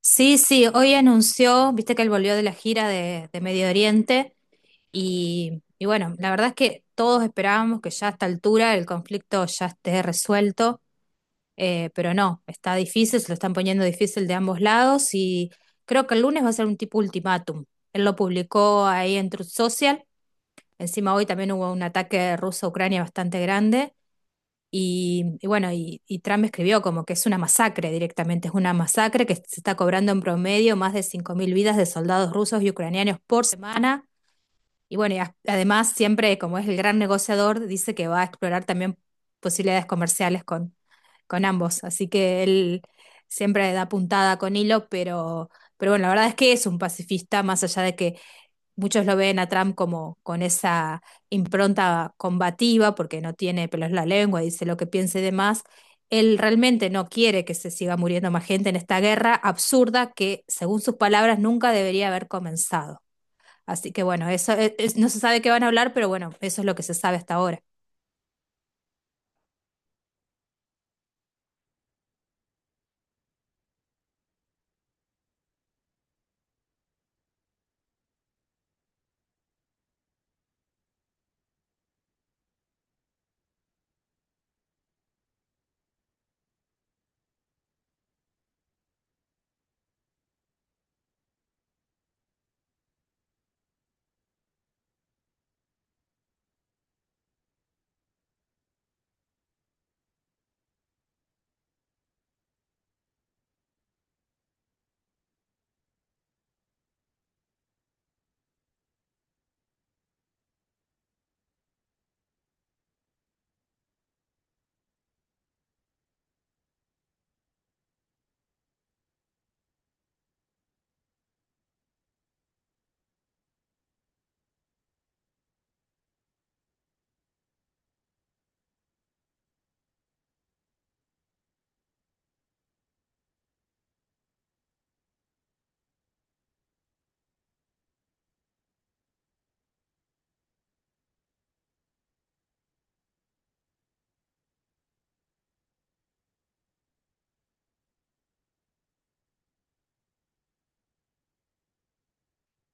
Sí, sí, hoy anunció, viste que él volvió de la gira de Medio Oriente y bueno, la verdad es que todos esperábamos que ya a esta altura el conflicto ya esté resuelto, pero no, está difícil, se lo están poniendo difícil de ambos lados y creo que el lunes va a ser un tipo ultimátum. Él lo publicó ahí en Truth Social, encima hoy también hubo un ataque ruso a Ucrania bastante grande y bueno, y Trump escribió como que es una masacre directamente, es una masacre que se está cobrando en promedio más de 5.000 vidas de soldados rusos y ucranianos por semana. Y bueno, y además siempre como es el gran negociador, dice que va a explorar también posibilidades comerciales con ambos. Así que él siempre da puntada con hilo, pero bueno, la verdad es que es un pacifista, más allá de que muchos lo ven a Trump como con esa impronta combativa, porque no tiene pelos en la lengua, dice lo que piense de más. Él realmente no quiere que se siga muriendo más gente en esta guerra absurda que, según sus palabras, nunca debería haber comenzado. Así que bueno, no se sabe qué van a hablar, pero bueno, eso es lo que se sabe hasta ahora.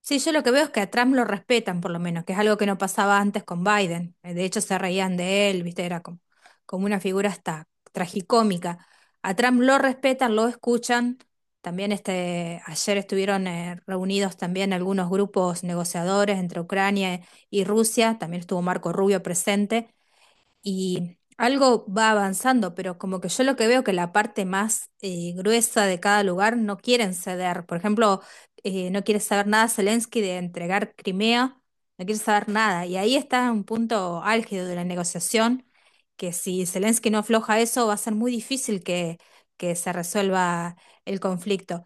Sí, yo lo que veo es que a Trump lo respetan, por lo menos, que es algo que no pasaba antes con Biden. De hecho, se reían de él, ¿viste? Era como, como una figura hasta tragicómica. A Trump lo respetan, lo escuchan. También este, ayer estuvieron reunidos también algunos grupos negociadores entre Ucrania y Rusia. También estuvo Marco Rubio presente y algo va avanzando, pero como que yo lo que veo que la parte más gruesa de cada lugar no quieren ceder. Por ejemplo, no quiere saber nada Zelensky de entregar Crimea, no quiere saber nada. Y ahí está un punto álgido de la negociación, que si Zelensky no afloja eso, va a ser muy difícil que se resuelva el conflicto.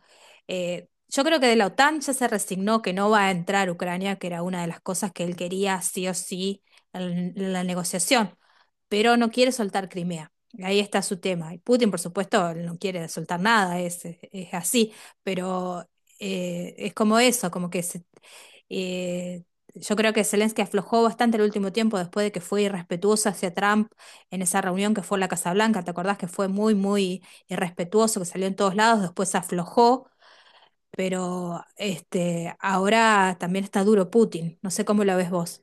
Yo creo que de la OTAN ya se resignó que no va a entrar Ucrania, que era una de las cosas que él quería sí o sí en la negociación, pero no quiere soltar Crimea. Ahí está su tema. Y Putin, por supuesto, no quiere soltar nada, es así, pero es como eso, eh, yo creo que Zelensky aflojó bastante el último tiempo después de que fue irrespetuoso hacia Trump en esa reunión que fue en la Casa Blanca. ¿Te acordás que fue muy, muy irrespetuoso, que salió en todos lados? Después se aflojó, pero este, ahora también está duro Putin. No sé cómo lo ves vos.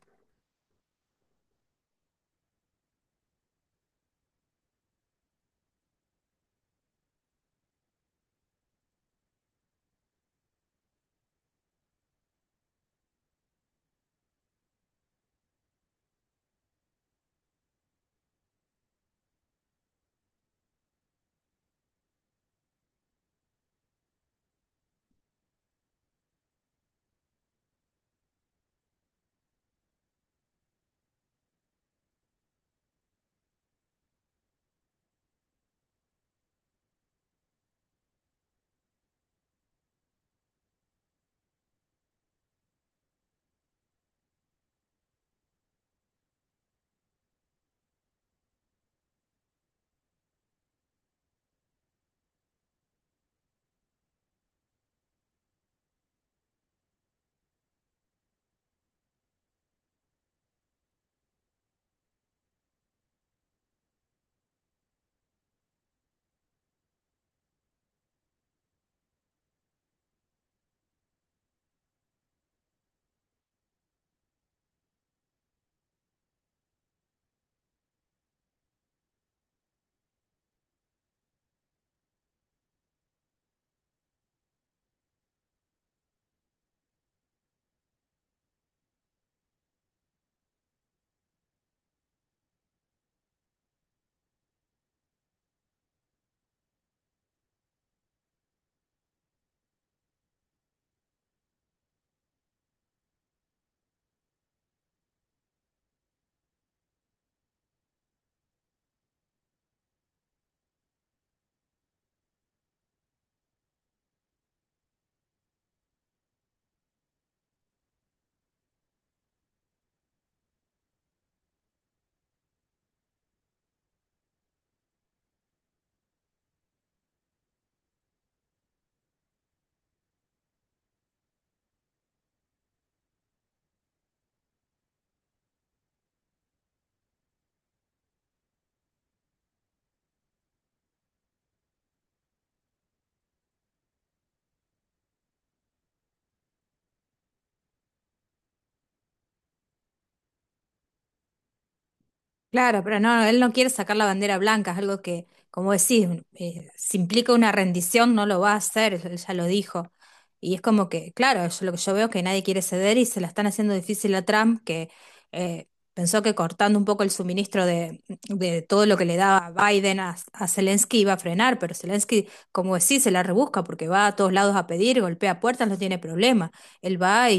Claro, pero no, él no quiere sacar la bandera blanca, es algo que, como decís, si implica una rendición no lo va a hacer, él ya lo dijo. Y es como que, claro, yo, lo que yo veo es que nadie quiere ceder y se la están haciendo difícil a Trump, que eh, pensó que cortando un poco el suministro de todo lo que le daba Biden a Zelensky iba a frenar, pero Zelensky, como decís, se la rebusca porque va a todos lados a pedir, golpea puertas, no tiene problema. Él va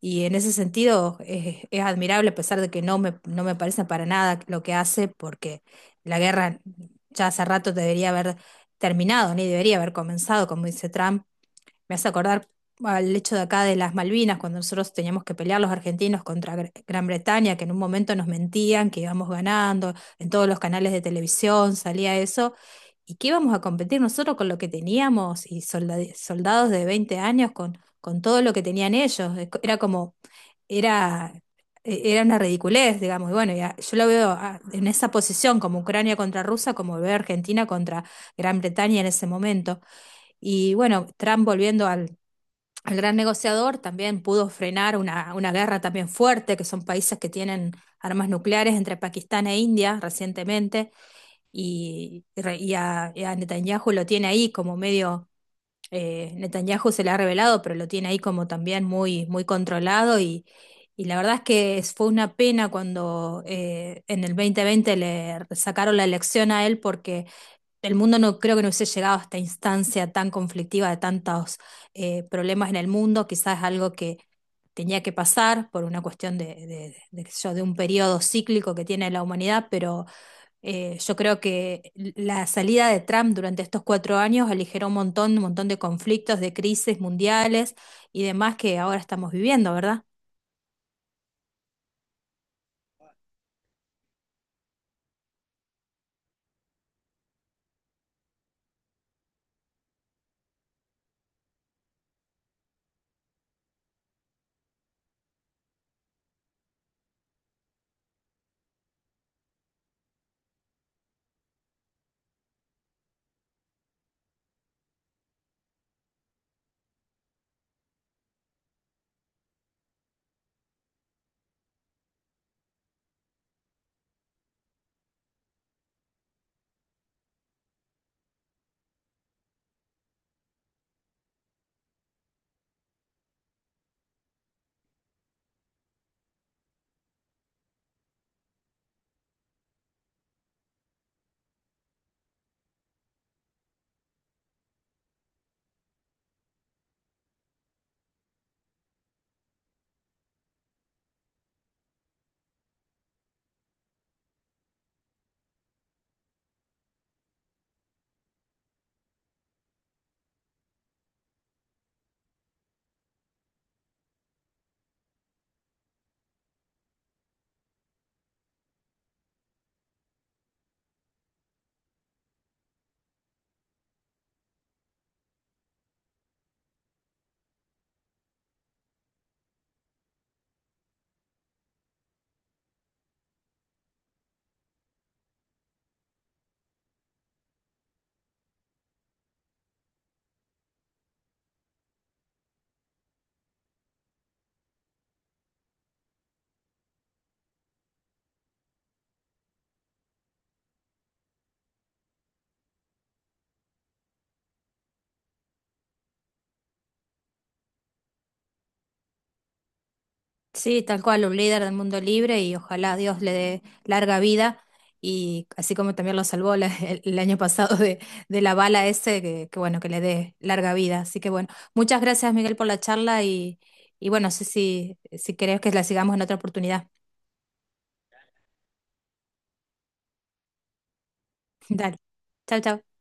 y en ese sentido es admirable, a pesar de que no me parece para nada lo que hace, porque la guerra ya hace rato debería haber terminado, ni debería haber comenzado, como dice Trump. Me hace acordar al hecho de acá de las Malvinas, cuando nosotros teníamos que pelear los argentinos contra Gran Bretaña, que en un momento nos mentían que íbamos ganando, en todos los canales de televisión salía eso. ¿Y qué íbamos a competir nosotros con lo que teníamos y soldados de 20 años con todo lo que tenían ellos? Era como era, era una ridiculez, digamos. Y bueno, yo lo veo en esa posición, como Ucrania contra Rusia, como veo Argentina contra Gran Bretaña en ese momento. Y bueno, Trump volviendo al gran negociador, también pudo frenar una guerra también fuerte, que son países que tienen armas nucleares entre Pakistán e India recientemente, y a Netanyahu lo tiene ahí como medio Netanyahu se le ha revelado, pero lo tiene ahí como también muy, muy controlado y la verdad es que fue una pena cuando en el 2020 le sacaron la elección a él, porque el mundo no creo que no hubiese llegado a esta instancia tan conflictiva de tantos problemas en el mundo, quizás algo que tenía que pasar por una cuestión qué sé yo, de un periodo cíclico que tiene la humanidad, pero yo creo que la salida de Trump durante estos cuatro años aligeró un montón de conflictos, de crisis mundiales y demás que ahora estamos viviendo, ¿verdad? Sí, tal cual, un líder del mundo libre y ojalá Dios le dé larga vida y así como también lo salvó el año pasado de la bala ese, que bueno, que le dé larga vida. Así que bueno, muchas gracias Miguel por la charla y bueno, no sé si querés que la sigamos en otra oportunidad. Dale, chao, chao.